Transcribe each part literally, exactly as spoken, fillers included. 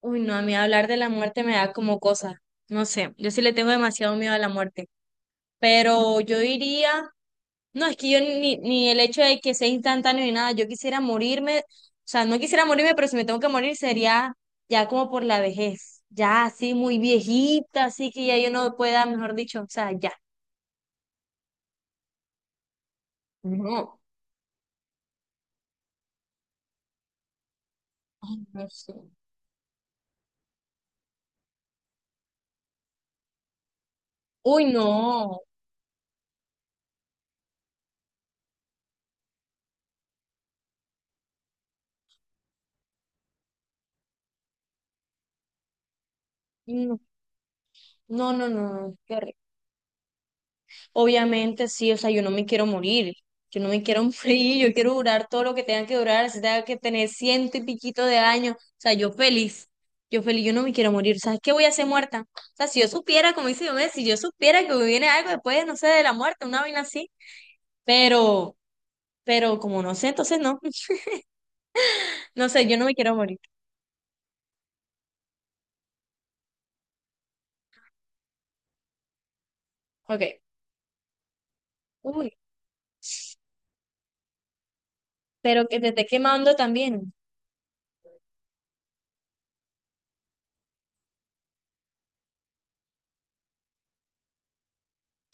Uy, no, a mí hablar de la muerte me da como cosa. No sé, yo sí le tengo demasiado miedo a la muerte. Pero yo diría, no, es que yo ni, ni el hecho de que sea instantáneo ni nada, yo quisiera morirme, o sea, no quisiera morirme, pero si me tengo que morir sería ya como por la vejez, ya así muy viejita, así que ya yo no pueda, mejor dicho, o sea, ya. No, ay, no sé. Uy, no, no, no, no, no, no, qué horrible. Obviamente sí, o sea, yo no me quiero morir, yo no me quiero morir, yo quiero durar todo lo que tenga que durar, si tenga que tener ciento y piquito de años, o sea, yo feliz, yo feliz, yo no me quiero morir. ¿Sabes qué voy a hacer muerta? O sea, si yo supiera, como dice yo, si yo supiera que viene algo después, no sé, de la muerte, una vaina así, pero, pero como no sé, entonces no, no sé, yo no me quiero morir. Ok, uy, pero que te esté quemando también.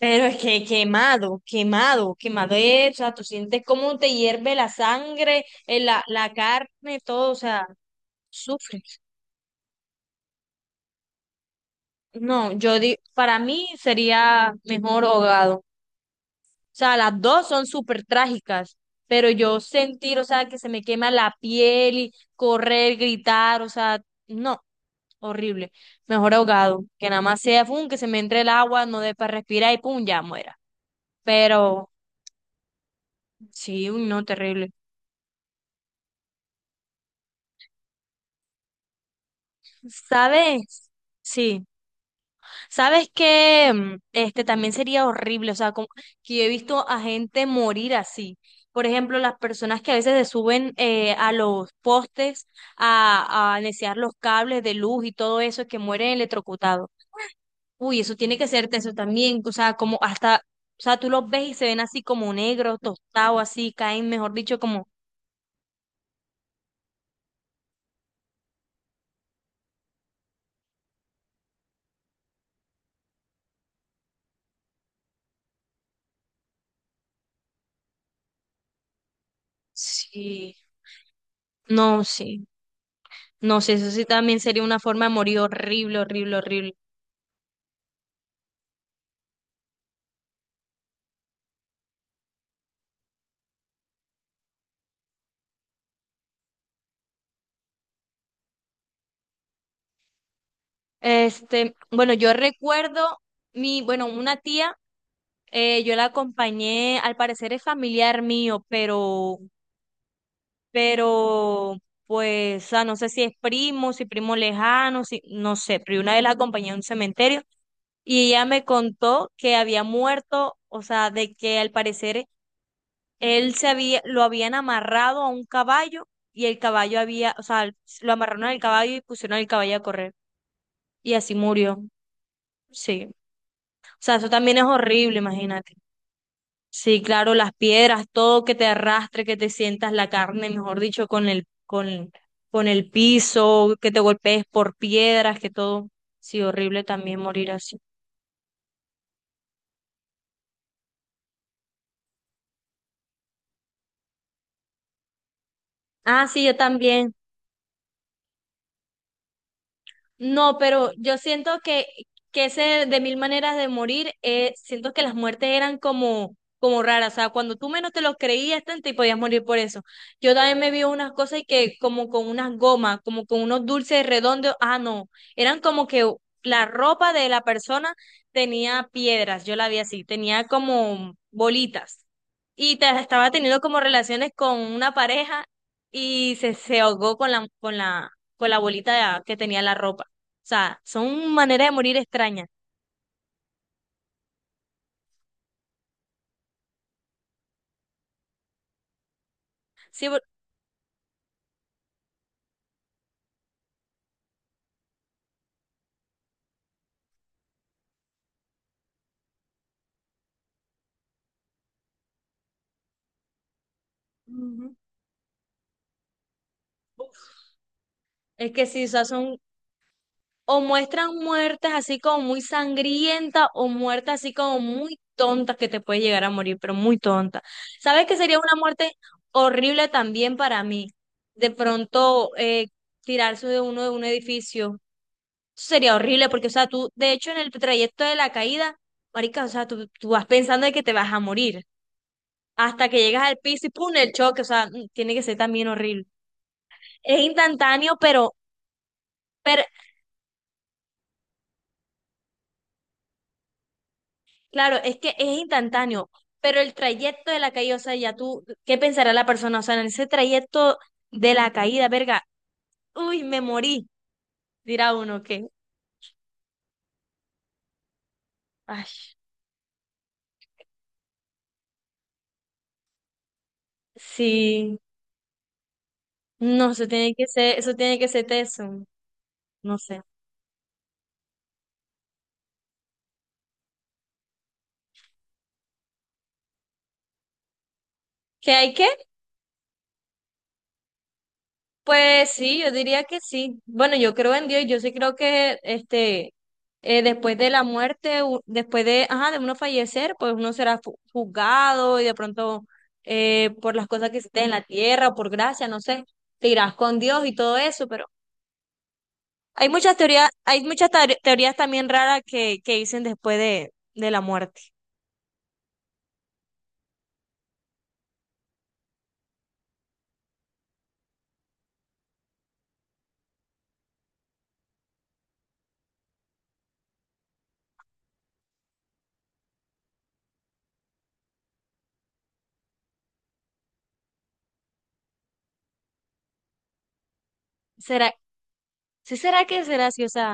Pero es que quemado, quemado, quemado es, o sea, tú sientes cómo te hierve la sangre, eh, la, la carne, todo, o sea, sufres. No, yo digo, para mí sería mejor ahogado. O sea, las dos son súper trágicas, pero yo sentir, o sea, que se me quema la piel y correr, gritar, o sea, no, horrible. Mejor ahogado, que nada más sea, pum, que se me entre el agua, no dé para respirar y pum, ya muera. Pero sí, uy, no, terrible. ¿Sabes? Sí. ¿Sabes que mm, este también sería horrible? O sea, como que yo he visto a gente morir así. Por ejemplo, las personas que a veces se suben eh, a los postes a, a necear los cables de luz y todo eso, que mueren electrocutados. Uy, eso tiene que ser tenso también. O sea, como hasta, o sea, tú los ves y se ven así como negros, tostados, así, caen, mejor dicho, como... Sí. No, sí. No sé, eso sí también sería una forma de morir horrible, horrible, horrible. Este, bueno, yo recuerdo mi, bueno, una tía, eh, yo la acompañé, al parecer es familiar mío, pero, pero, pues, o sea, no sé si es primo, si primo lejano, si, no sé, pero una vez la acompañé a un cementerio y ella me contó que había muerto, o sea, de que al parecer él se había, lo habían amarrado a un caballo y el caballo había, o sea, lo amarraron al caballo y pusieron al caballo a correr y así murió, sí. Sea, eso también es horrible, imagínate. Sí, claro, las piedras, todo que te arrastre, que te sientas la carne, mejor dicho, con el, con, con el piso, que te golpees por piedras, que todo. Sí, horrible también morir así. Ah, sí, yo también. No, pero yo siento que, que ese de mil maneras de morir, eh, siento que las muertes eran como, como raras. O sea, cuando tú menos te lo creías, tanto y podías morir por eso. Yo también me vi unas cosas y que como con unas gomas, como con unos dulces redondos. Ah, no. Eran como que la ropa de la persona tenía piedras. Yo la vi así. Tenía como bolitas. Y te- estaba teniendo como relaciones con una pareja y se, se ahogó con la, con la, con la bolita que tenía la ropa. O sea, son maneras de morir extrañas. Sí, por- Ujú. Es que sí, o sea, son o muestran muertes así como muy sangrientas o muertes así como muy tontas que te puede llegar a morir, pero muy tonta. ¿Sabes que sería una muerte horrible también para mí? De pronto eh, tirarse de uno de un edificio. Eso sería horrible porque, o sea, tú, de hecho, en el trayecto de la caída, marica, o sea, tú, tú vas pensando de que te vas a morir hasta que llegas al piso y ¡pum! El choque, o sea, mm, tiene que ser también horrible. Es instantáneo, pero, pero claro, es que es instantáneo, pero el trayecto de la caída, o sea, ya tú, ¿qué pensará la persona? O sea, en ese trayecto de la caída, verga, uy, me morí, dirá uno que, ay, sí, no, eso tiene que ser, eso tiene que ser teso, no sé. Que hay que pues sí, yo diría que sí. Bueno, yo creo en Dios y yo sí creo que este eh, después de la muerte, u- después de, ajá, de uno fallecer, pues uno será ju- juzgado y de pronto eh, por las cosas que hiciste en la tierra o por gracia, no sé, te irás con Dios y todo eso, pero hay muchas teorías, hay muchas teor- teorías también raras que, que dicen después de, de la muerte. ¿Será, sí será que será así? O sea,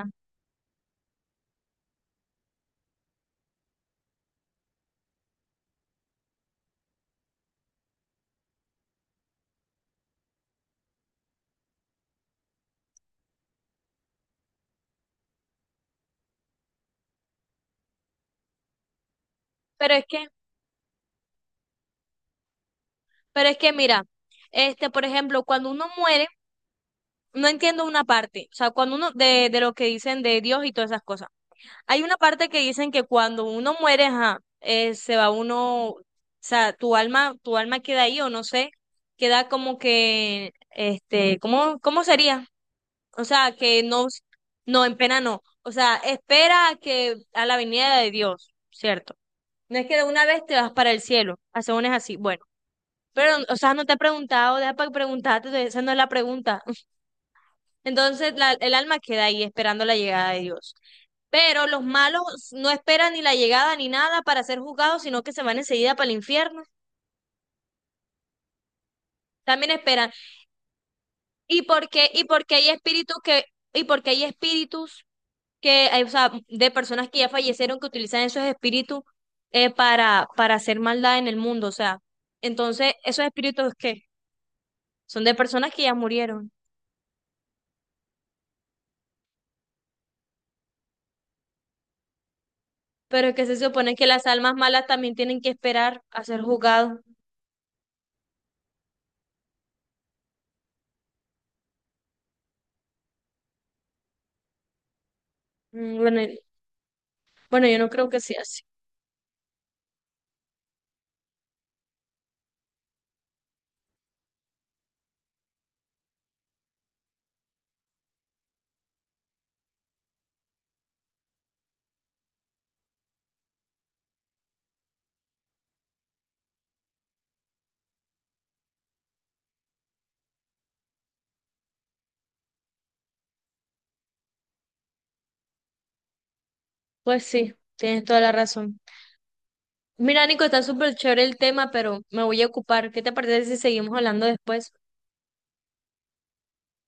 pero es que, pero es que mira, este, por ejemplo, cuando uno muere no entiendo una parte, o sea, cuando uno, de, de lo que dicen de Dios y todas esas cosas. Hay una parte que dicen que cuando uno muere, ajá, eh, se va uno, o sea, tu alma, tu alma queda ahí o no sé, queda como que, este, ¿cómo, ¿cómo sería? O sea, que no, no, en pena no. O sea, espera a que, a la venida de Dios, ¿cierto? No es que de una vez te vas para el cielo, según es así, bueno. Pero, o sea, no te he preguntado, deja para preguntarte, esa no es la pregunta. Entonces la- el alma queda ahí esperando la llegada de Dios. Pero los malos no esperan ni la llegada ni nada para ser juzgados, sino que se van enseguida para el infierno. También esperan. ¿Y por qué? ¿Y porque hay espíritus que, y porque hay espíritus que, hay, o sea, de personas que ya fallecieron que utilizan esos espíritus eh, para, para hacer maldad en el mundo? O sea, entonces, ¿esos espíritus qué? Son de personas que ya murieron. Pero es que se supone que las almas malas también tienen que esperar a ser juzgados. Mm, bueno, Bueno, yo no creo que sea así. Pues sí, tienes toda la razón. Mira, Nico, está súper chévere el tema, pero me voy a ocupar. ¿Qué te parece si seguimos hablando después?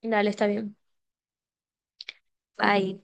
Dale, está bien. Bye.